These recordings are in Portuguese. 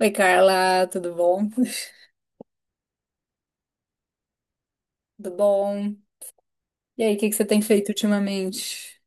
Oi, Carla, tudo bom? Tudo bom? E aí, o que que você tem feito ultimamente?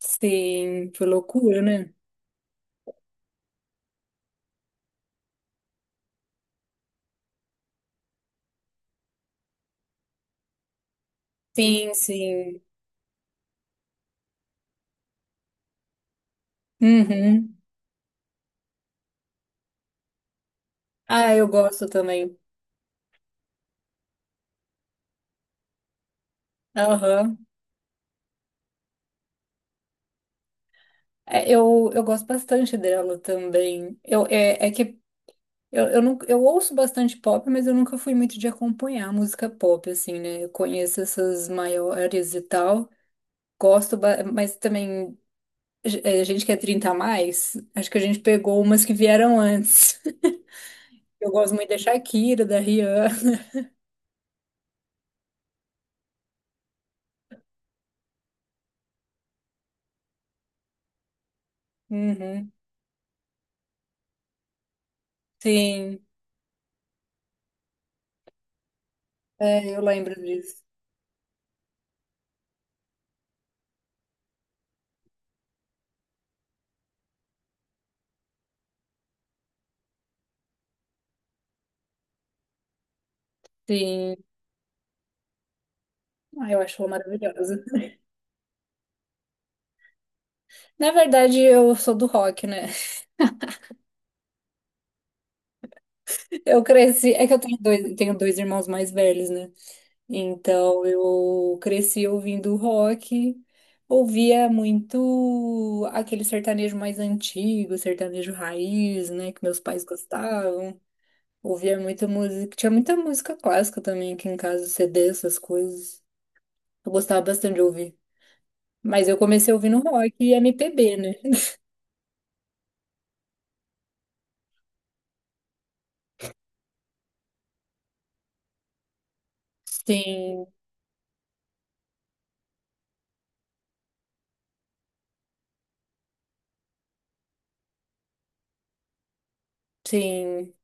Sim, por loucura, né? Sim, sim. Uhum. Ah, eu gosto também. Aham. É, eu gosto bastante dela também. Eu, é que não, eu ouço bastante pop, mas eu nunca fui muito de acompanhar música pop, assim, né? Eu conheço essas maiores e tal. Gosto, mas também, a gente que é 30 a mais, acho que a gente pegou umas que vieram antes. Eu gosto muito da Shakira, da Rihanna. Uhum. Sim, é, eu lembro disso. Sim, ah, eu acho ela maravilhosa. Na verdade, eu sou do rock, né? Eu cresci. É que eu tenho dois irmãos mais velhos, né? Então eu cresci ouvindo rock, ouvia muito aquele sertanejo mais antigo, sertanejo raiz, né? Que meus pais gostavam. Ouvia muita música. Tinha muita música clássica também aqui em casa, CD, essas coisas. Eu gostava bastante de ouvir. Mas eu comecei ouvindo rock e MPB, né? Sim, sim.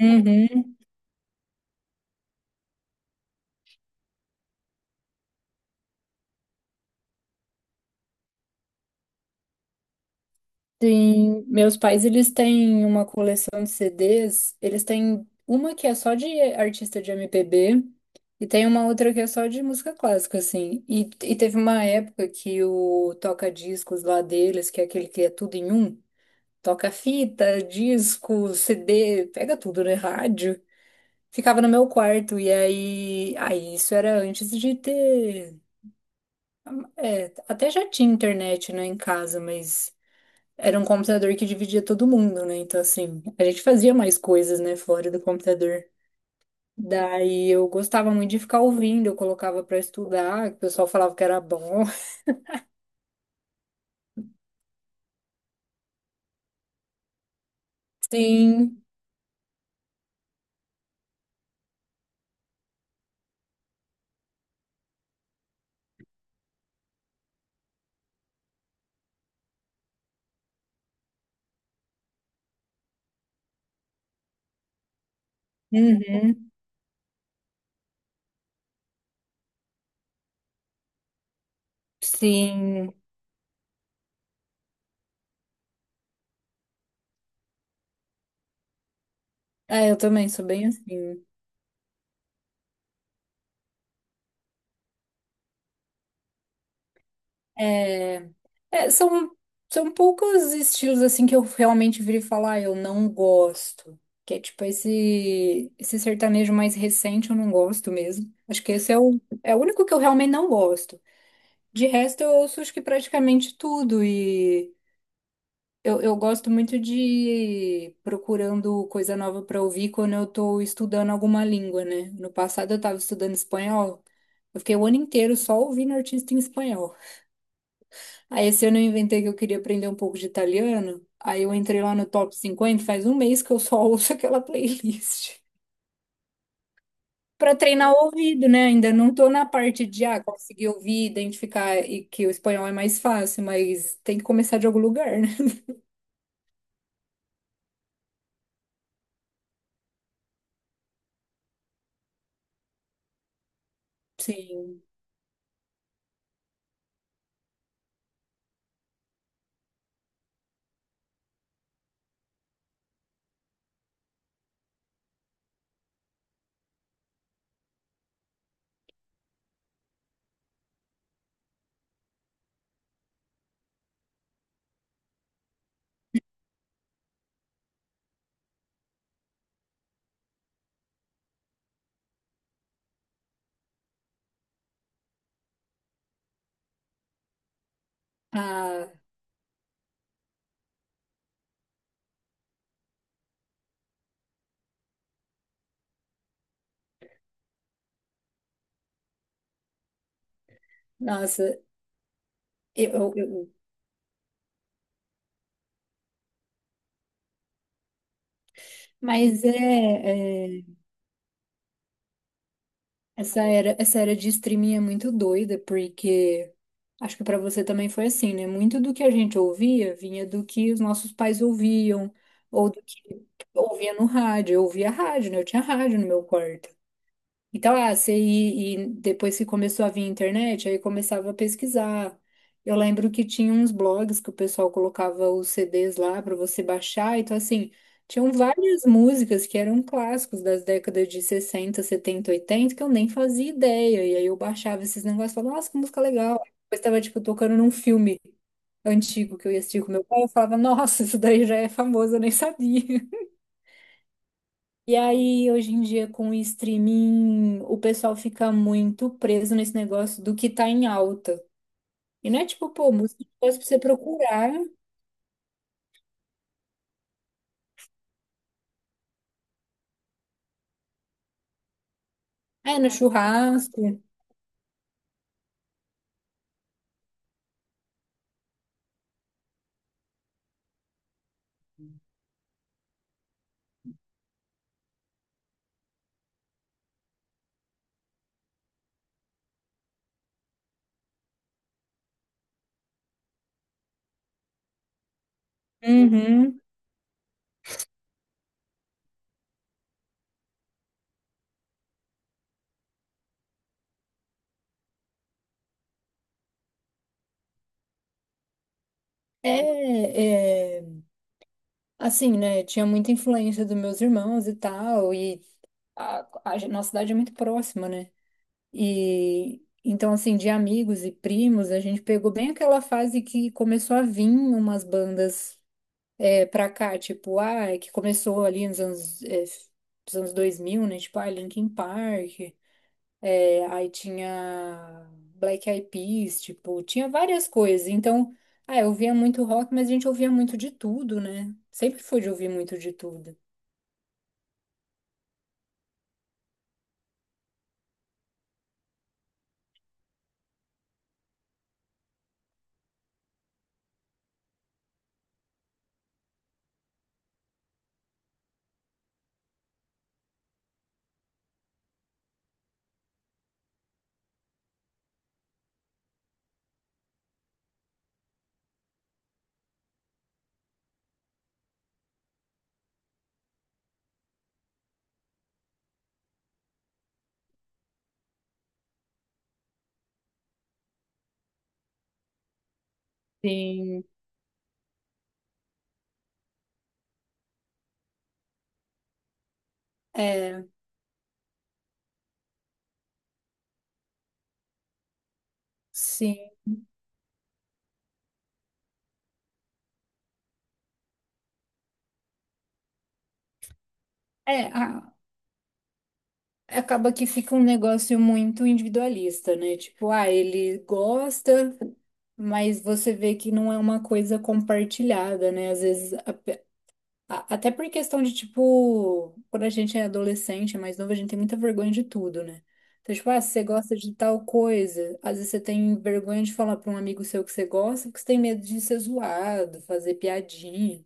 Uhum, sim. Meus pais, eles têm uma coleção de CDs. Eles têm uma que é só de artista de MPB e tem uma outra que é só de música clássica, assim. E teve uma época que o toca-discos lá deles, que é aquele que é tudo em um, toca fita, disco, CD, pega tudo, né? Rádio. Ficava no meu quarto, e aí isso era antes de ter. É, até já tinha internet, né, em casa, mas era um computador que dividia todo mundo, né? Então, assim, a gente fazia mais coisas, né, fora do computador. Daí eu gostava muito de ficar ouvindo, eu colocava pra estudar, que o pessoal falava que era bom. Sim, uhum, sim. É, eu também sou bem assim. É, é, são poucos estilos assim que eu realmente virei falar, "Ah, eu não gosto. Que é tipo esse sertanejo mais recente, eu não gosto mesmo. Acho que esse é o único que eu realmente não gosto. De resto, eu ouço acho que praticamente tudo. E eu gosto muito de ir procurando coisa nova para ouvir quando eu tô estudando alguma língua, né? No passado eu tava estudando espanhol. Eu fiquei o ano inteiro só ouvindo artista em espanhol. Aí esse ano eu inventei que eu queria aprender um pouco de italiano. Aí eu entrei lá no Top 50. Faz um mês que eu só ouço aquela playlist. Pra treinar o ouvido, né? Ainda não tô na parte de ah, conseguir ouvir, identificar e que o espanhol é mais fácil, mas tem que começar de algum lugar, né? Sim. Ah, nossa, eu, eu- eu- mas é. essa era de streaming é muito doida, porque acho que pra você também foi assim, né? Muito do que a gente ouvia vinha do que os nossos pais ouviam, ou do que ouvia no rádio. Eu ouvia rádio, né? Eu tinha rádio no meu quarto. Então, ah, você e depois que começou a vir a internet, aí começava a pesquisar. Eu lembro que tinha uns blogs que o pessoal colocava os CDs lá para você baixar. Então, assim, tinham várias músicas que eram clássicos das décadas de 60, 70, 80 que eu nem fazia ideia. E aí eu baixava esses negócios e falava, nossa, que música legal. Aí depois estava, tipo, tocando num filme antigo que eu ia assistir com meu pai. Eu falava, nossa, isso daí já é famoso, eu nem sabia. E aí, hoje em dia, com o streaming, o pessoal fica muito preso nesse negócio do que tá em alta. E não é tipo, pô, música é uma pra você procurar. É, no churrasco. Uhum. É, é, assim, né? Tinha muita influência dos meus irmãos e tal. E a, nossa cidade é muito próxima, né? E então, assim, de amigos e primos, a gente pegou bem aquela fase que começou a vir umas bandas. É pra cá, tipo, ah, é que começou ali nos anos 2000, né? Tipo, ah, Linkin Park, aí tinha Black Eyed Peas, tipo, tinha várias coisas. Então, ah, eu ouvia muito rock, mas a gente ouvia muito de tudo, né? Sempre foi de ouvir muito de tudo. Sim, é, sim. É, acaba que fica um negócio muito individualista, né? Tipo, ah, ele gosta, mas você vê que não é uma coisa compartilhada, né? Às vezes até por questão de, tipo, quando a gente é adolescente, é mais novo, a gente tem muita vergonha de tudo, né? Então, tipo, ah, se você gosta de tal coisa, às vezes você tem vergonha de falar pra um amigo seu que você gosta, porque você tem medo de ser zoado, fazer piadinha.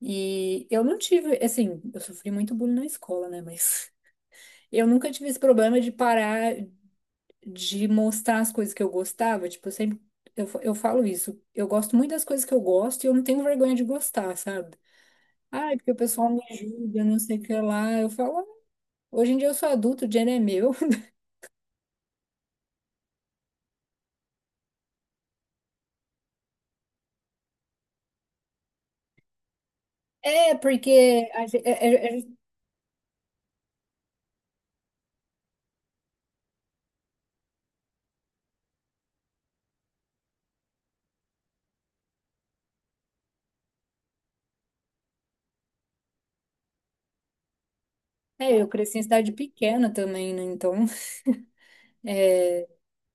E eu não tive, assim, eu sofri muito bullying na escola, né? Mas eu nunca tive esse problema de parar de mostrar as coisas que eu gostava. Tipo, eu sempre, eu falo isso, eu gosto muito das coisas que eu gosto e eu não tenho vergonha de gostar, sabe? Ai, porque o pessoal me julga, não sei o que lá. Eu falo, "Ah, hoje em dia eu sou adulto, o dinheiro é meu. É, porque a ge- é, é- é- é, eu cresci em cidade pequena também, né? Então,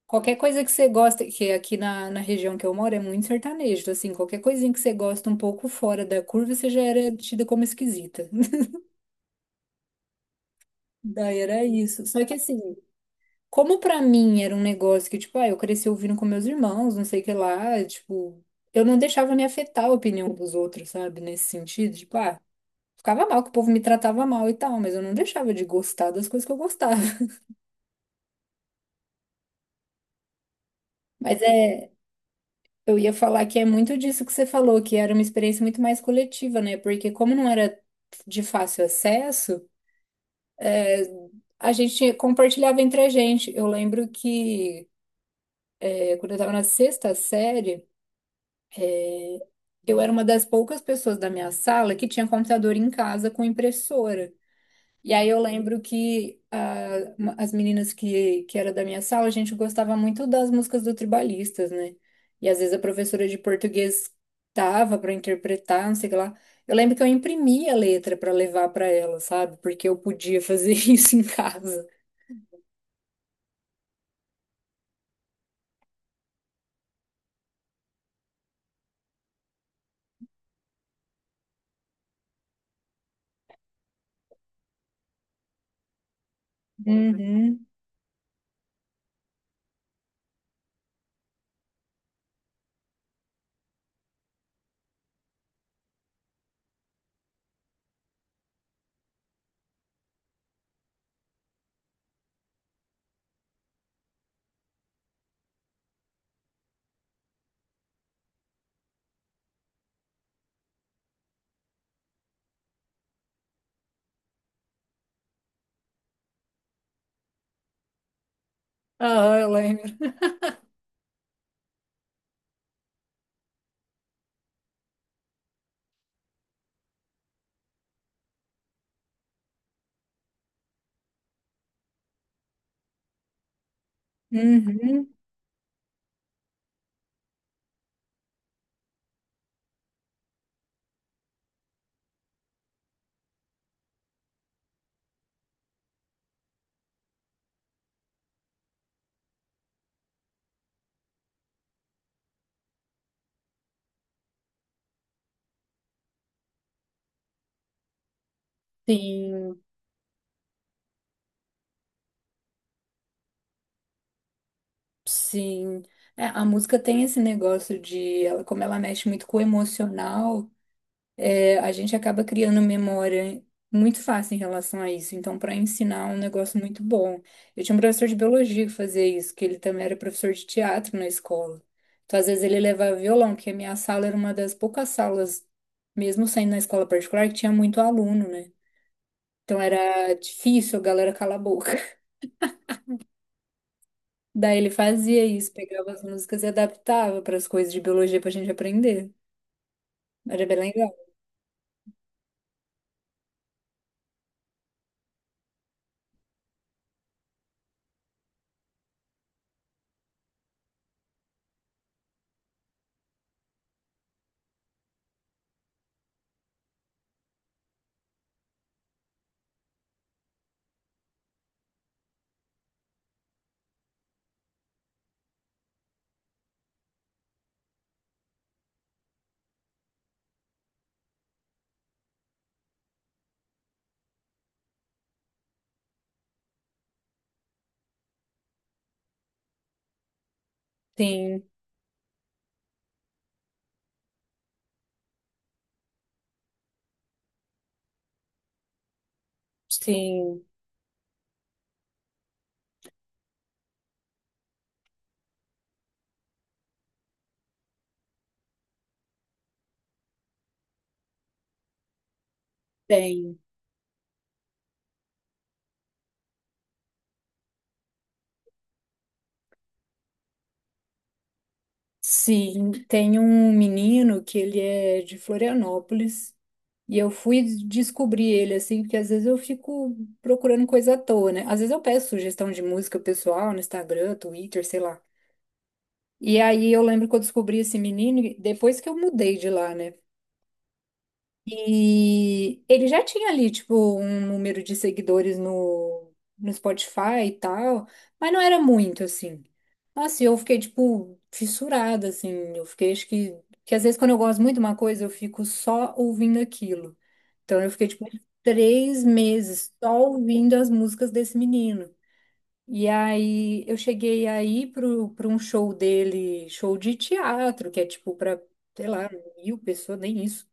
qualquer coisa que você gosta, que aqui na região que eu moro é muito sertanejo, assim, qualquer coisinha que você gosta um pouco fora da curva, você já era tida como esquisita. Daí era isso. Só que assim, como pra mim era um negócio que, tipo, ah, eu cresci ouvindo com meus irmãos, não sei o que lá, tipo, eu não deixava me afetar a opinião dos outros, sabe? Nesse sentido, tipo, ah. Ficava mal, que o povo me tratava mal e tal, mas eu não deixava de gostar das coisas que eu gostava. Mas é, eu ia falar que é muito disso que você falou, que era uma experiência muito mais coletiva, né? Porque como não era de fácil acesso, a gente compartilhava entre a gente. Eu lembro que quando eu estava na sexta série, é, eu era uma das poucas pessoas da minha sala que tinha computador em casa com impressora. E aí eu lembro que ah, as meninas que era da minha sala, a gente gostava muito das músicas do Tribalistas, né? E às vezes a professora de português tava para interpretar, não sei o que lá. Eu lembro que eu imprimia a letra para levar para ela, sabe? Porque eu podia fazer isso em casa. Uhum. Ah, eu lembro. Uhum. Sim, sim. É, a música tem esse negócio de, ela, como ela mexe muito com o emocional. É, a gente acaba criando memória muito fácil em relação a isso. Então, para ensinar é um negócio muito bom. Eu tinha um professor de biologia que fazia isso, que ele também era professor de teatro na escola. Então, às vezes ele levava violão, que a minha sala era uma das poucas salas, mesmo sendo na escola particular, que tinha muito aluno, né? Então era difícil a galera calar a boca. Daí ele fazia isso, pegava as músicas e adaptava para as coisas de biologia para a gente aprender. Era bem legal. Sim, sim, tem. Sim, tem um menino que ele é de Florianópolis e eu fui descobrir ele assim, porque às vezes eu fico procurando coisa à toa, né? Às vezes eu peço sugestão de música pessoal no Instagram, Twitter, sei lá. E aí eu lembro que eu descobri esse menino e depois que eu mudei de lá, né? E ele já tinha ali, tipo, um número de seguidores no Spotify e tal, mas não era muito, assim. Nossa, e eu fiquei, tipo, fissurada, assim. Eu fiquei, acho que. Que às vezes quando eu gosto muito de uma coisa, eu fico só ouvindo aquilo. Então eu fiquei, tipo, 3 meses só ouvindo as músicas desse menino. E aí eu cheguei aí pro um show dele, show de teatro, que é tipo pra, sei lá, mil pessoas, nem isso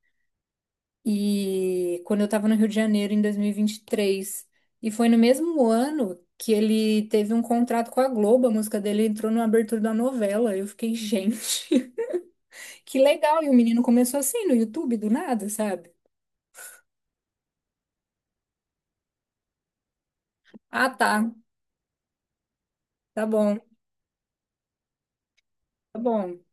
e quando eu estava no Rio de Janeiro em 2023. E 23. E foi no mesmo ano que ele teve um contrato com a Globo, a música dele entrou na abertura da novela. Eu fiquei, gente, que legal! E o menino começou assim no YouTube do nada, sabe? Ah, tá, tá bom, tá bom.